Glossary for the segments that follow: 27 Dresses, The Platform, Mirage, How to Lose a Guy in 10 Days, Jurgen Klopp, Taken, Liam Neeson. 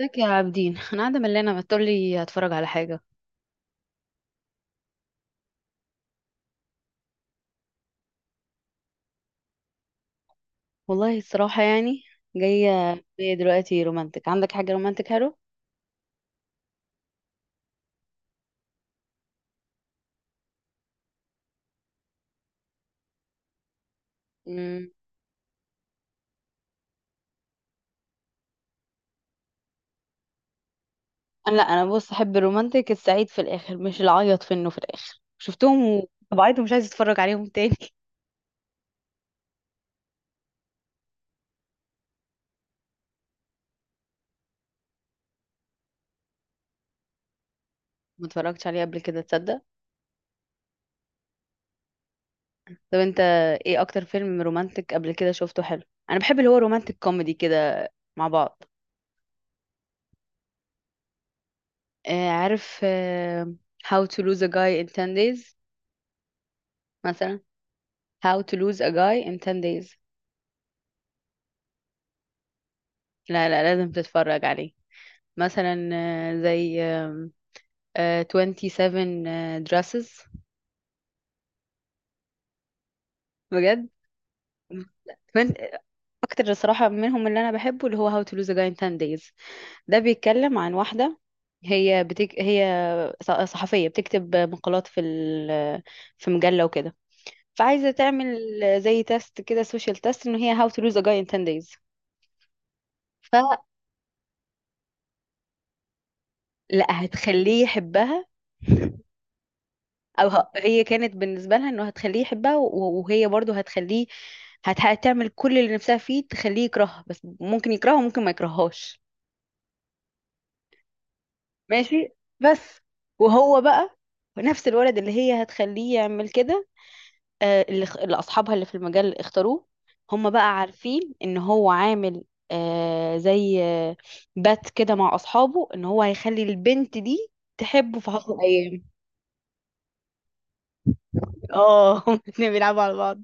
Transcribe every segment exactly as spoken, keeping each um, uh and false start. ازيك يا عابدين؟ انا قاعده ملانه، ما تقولي هتفرج على حاجه. والله الصراحه يعني جايه بيا دلوقتي رومانتك، عندك حاجه رومانتك حلو؟ امم انا لا انا بص، احب الرومانتك السعيد في الاخر، مش العيط في انه في الاخر شفتهم وطبعيت، ومش عايزه اتفرج عليهم تاني. ما اتفرجتش عليه قبل كده، تصدق؟ طب انت، ايه اكتر فيلم رومانتك قبل كده شفته حلو؟ انا بحب اللي هو رومانتك كوميدي كده مع بعض. آه عارف، آه، How to lose a guy in ten days مثلا. How to lose a guy in ten days، لا لا لازم تتفرج عليه. مثلا آه، زي آم، آه، twenty-seven آه، dresses. بجد، من اكتر الصراحه منهم اللي انا بحبه اللي هو How to Lose a Guy in ten Days. ده بيتكلم عن واحده، هي بتك... هي ص- صحفيه بتكتب مقالات في ال... في مجله وكده. فعايزه تعمل زي تيست كده، سوشيال تيست ان هي How to Lose a Guy in ten Days. فلا، هتخليه يحبها. او ه- هي كانت بالنسبه لها انه هتخليه يحبها و- وهي برضه هتخليه، هت- هتعمل كل اللي نفسها فيه تخليه يكرهها، بس ممكن يكرهها وممكن ما يكرههاش. ماشي، بس وهو بقى نفس الولد اللي هي هتخليه يعمل كده. آه، اللي خ- اللي اصحابها اللي في المجال اختاروه، هم بقى عارفين ان هو عامل آه، زي آه، بات كده مع اصحابه ان هو هيخلي البنت دي تحبه في عشر ايام. اه. هم الاتنين بيلعبوا على بعض.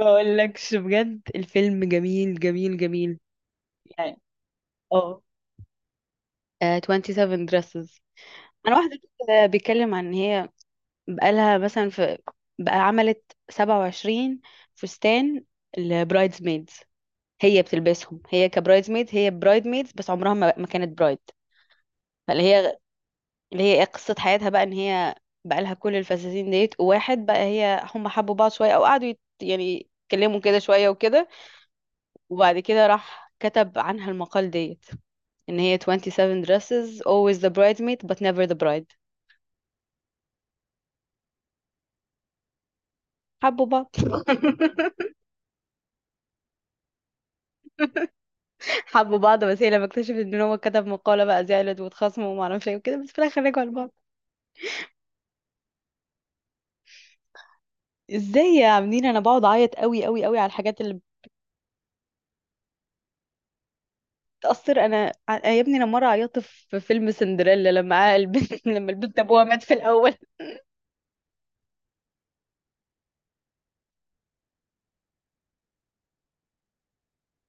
ما اقولكش بجد، الفيلم جميل جميل جميل. يعني، اه، آه، twenty-seven dresses. انا واحده كده بيتكلم عن ان هي، بقالها مثلا في، بقى عملت سبعه وعشرين فستان. البرايدز ميدز، هي بتلبسهم، هي كبرايدز ميدز، هي برايد ميدز، بس عمرها ما, ما كانت برايد. فاللي هي اللي هي إيه قصه حياتها بقى، ان هي بقى لها كل الفساتين ديت. وواحد بقى، هي هم حبوا بعض شويه، او قعدوا يت- يعني يتكلموا كده شويه وكده. وبعد كده راح كتب عنها المقال ديت، ان هي twenty-seven dresses, always the bridesmaid but never the bride. حبوا بعض. حبوا بعض، بس هي لما اكتشفت ان هو كتب مقالة بقى زعلت واتخاصموا وما اعرفش ايه وكده، بس في الاخر رجعوا لبعض. ازاي يا عاملين؟ انا بقعد اعيط قوي قوي قوي على الحاجات اللي بتأثر. انا ع- يا ابني، انا مرة عيطت في فيلم سندريلا لما عا- البنت لما البنت ابوها مات في الاول.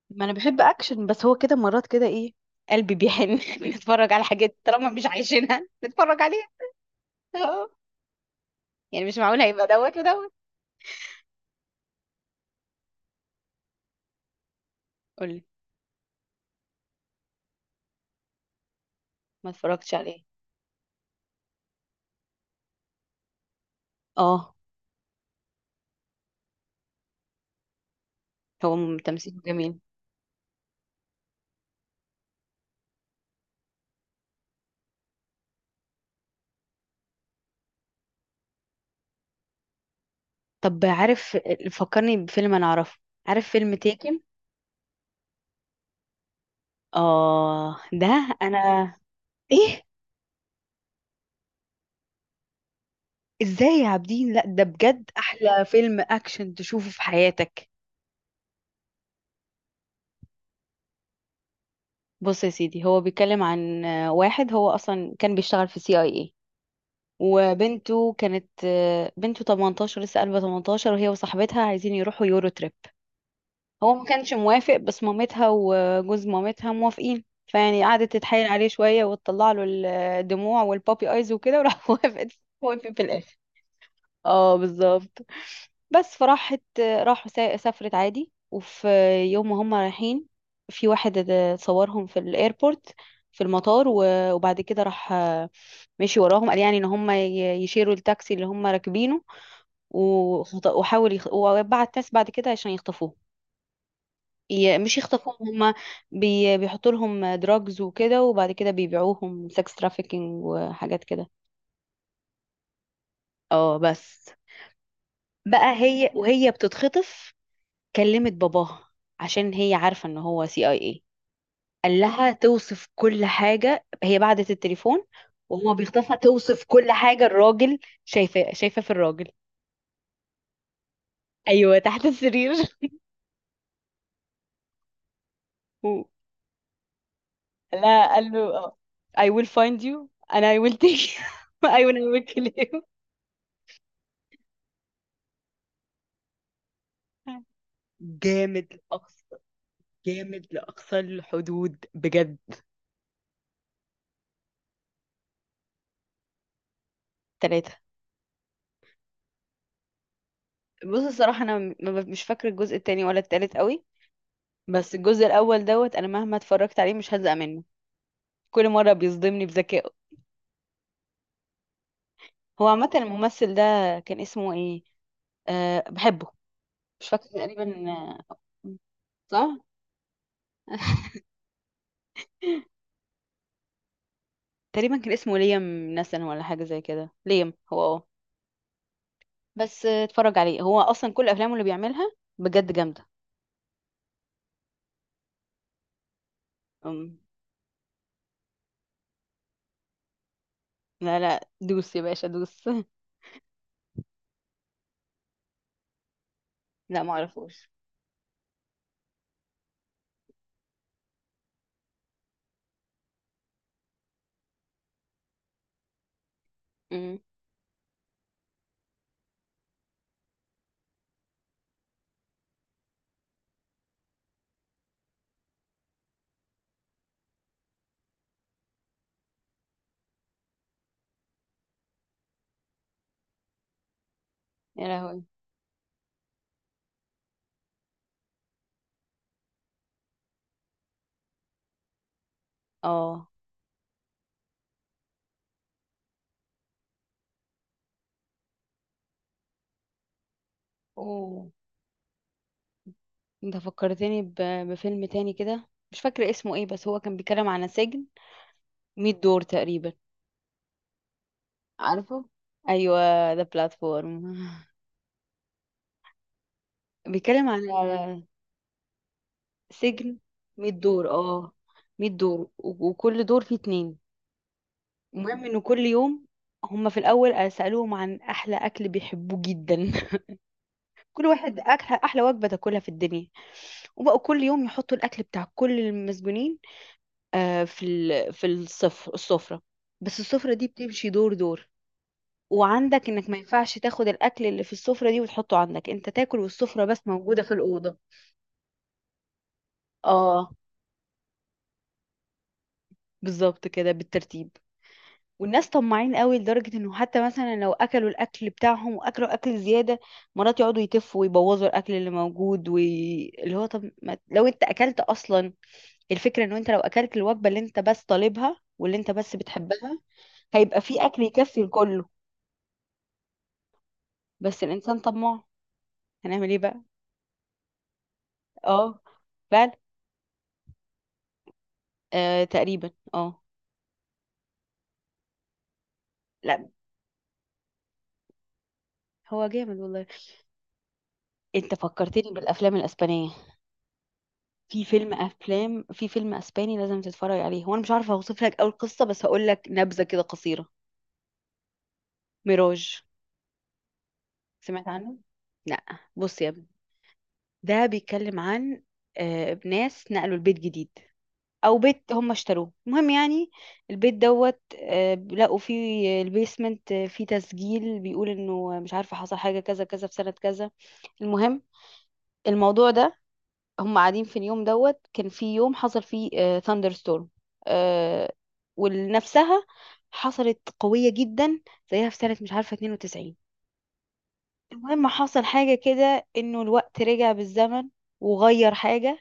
ما انا بحب اكشن، بس هو كده مرات كده ايه، قلبي بيحن. نتفرج على حاجات طالما مش عايشينها نتفرج عليها. اه يعني مش معقول هيبقى دوت ودوت. قولي. ما اتفرجتش عليه. اه، هو م- تمثيله جميل. طب عارف، فكرني بفيلم انا اعرفه. عارف فيلم تيكن؟ اه ده. انا، ايه، ازاي يا عابدين، لا ده بجد احلى فيلم اكشن تشوفه في حياتك. بص يا سيدي، هو بيتكلم عن آه، واحد هو اصلا كان بيشتغل في سي اي اي، وبنته كانت آه، بنته تمنتاشر لسه قلبها تمنتاشر، وهي وصاحبتها عايزين يروحوا يورو تريب. هو ما كانش موافق، بس مامتها وجوز مامتها موافقين، فيعني قعدت تتحايل عليه شوية وتطلع له الدموع والبابي ايز وكده، وراح وافقت. وافق في الاخر، اه بالظبط. بس فراحت راحوا سا- سافرت عادي، وفي يوم ما هم رايحين، في واحد د- صورهم في الايربورت، في المطار، و- وبعد كده راح مشي وراهم، قال يعني ان هم ي- يشيروا التاكسي اللي هم راكبينه. وخط- وحاول يخ... وبعت ناس بعد كده عشان يخطفوه. ي- مش يخطفوهم هم، بي... بيحطوا لهم دراجز وكده، وبعد كده بيبيعوهم سكس ترافيكينج وحاجات كده. اه بس بقى، هي وهي بتتخطف، كلمت باباها عشان هي عارفة ان هو سي اي اي. قال لها توصف كل حاجة، هي بعدت التليفون وهو بيخطفها، توصف كل حاجة، الراجل شايفة، شايفة في الراجل. ايوه تحت السرير. و- لا قال له، آه، I will find you and I will take you and I will kill you. جامد لأقصى. جامد لأقصى الحدود بجد. ثلاثة. بص الصراحة، أنا م- م- مش فاكرة الجزء التاني ولا التالت قوي، بس الجزء الأول دوت، أنا مهما اتفرجت عليه مش هزهق منه، كل مرة بيصدمني بذكائه. هو عامة الممثل ده كان اسمه إيه؟ أه بحبه. مش فاكرة تقريبا، آه، صح، تقريبا كان اسمه ليام نسن ولا حاجة زي كده، ليام، هو اه. بس آه، اتفرج عليه، هو أصلا كل أفلامه اللي بيعملها بجد جامدة. أم، لا لا دوس يا باشا دوس. لا معرفوش. امم. يا لهوي. اه. اوه. انت فكرتني ب... بفيلم تاني كده، مش فاكرة اسمه ايه، بس هو كان بيتكلم عن سجن ميه دور تقريبا. عارفه، ايوه، ده بلاتفورم. بيتكلم عن، على سجن ميه دور، اه، ميه دور، و- وكل دور فيه اتنين. المهم انه كل يوم، هما في الاول سالوهم عن احلى اكل بيحبوه جدا. كل واحد اكل احلى وجبه تاكلها في الدنيا، وبقوا كل يوم يحطوا الاكل بتاع كل المسجونين آه، في ال- في الصف- السفرة. بس السفرة دي بتمشي دور دور، وعندك انك ما ينفعش تاخد الاكل اللي في السفرة دي وتحطه عندك انت تاكل، والسفرة بس موجودة في الأوضة. اه بالظبط، كده بالترتيب. والناس طماعين قوي، لدرجة انه حتى مثلا لو اكلوا الاكل بتاعهم واكلوا اكل زيادة، مرات يقعدوا يتفوا ويبوظوا الاكل اللي موجود وي... اللي هو، طب ما... لو انت اكلت اصلا، الفكرة انه انت لو اكلت الوجبة اللي انت بس طالبها واللي انت بس بتحبها هيبقى في اكل يكفي الكل. بس الانسان طماع، هنعمل ايه بقى. اه فعلا. آه تقريبا اه. لا هو جامد والله. انت فكرتني بالافلام الاسبانيه. في فيلم افلام في فيلم اسباني لازم تتفرج عليه، هو انا مش عارفه اوصف لك اول قصه، بس هقول لك نبذه كده قصيره. ميراج. سمعت عنه، لا. بص يا ابني، ده بيتكلم عن، آه ناس نقلوا البيت جديد، او بيت هم اشتروه، المهم يعني البيت دوت، آه، لقوا فيه البيسمنت، آه، فيه تسجيل بيقول انه مش عارفه حصل حاجه كذا كذا في سنه كذا. المهم، الموضوع ده، هم قاعدين في اليوم دوت، كان في يوم حصل فيه ثاندر ستورم ولنفسها، حصلت قويه جدا زيها في سنه مش عارفه اتنين وتسعين. المهم، حصل حاجه كده انه الوقت رجع بالزمن وغير حاجه،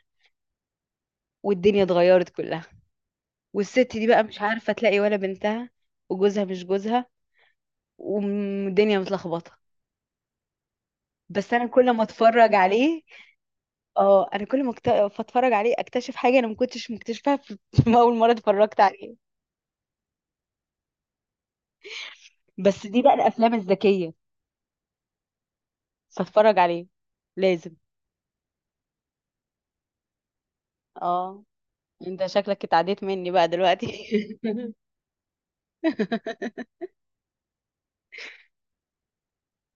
والدنيا اتغيرت كلها، والست دي بقى مش عارفة تلاقي ولا بنتها، وجوزها مش جوزها، والدنيا متلخبطة. بس انا كل ما اتفرج عليه، اه، انا كل ما أكت- اتفرج عليه اكتشف حاجة انا ما كنتش مكتشفها في في اول مرة اتفرجت عليه. بس دي بقى الافلام الذكية، فاتفرج عليه لازم، اه. انت شكلك اتعديت مني بقى دلوقتي.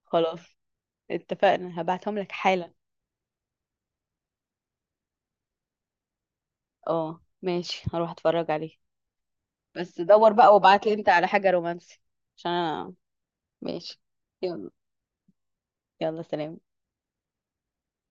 خلاص، اتفقنا، هبعتهم لك حالا. اه ماشي، هروح اتفرج عليه. بس دور بقى وابعت لي انت على حاجة رومانسي، عشان انا. ماشي. يلا. يلا سلام.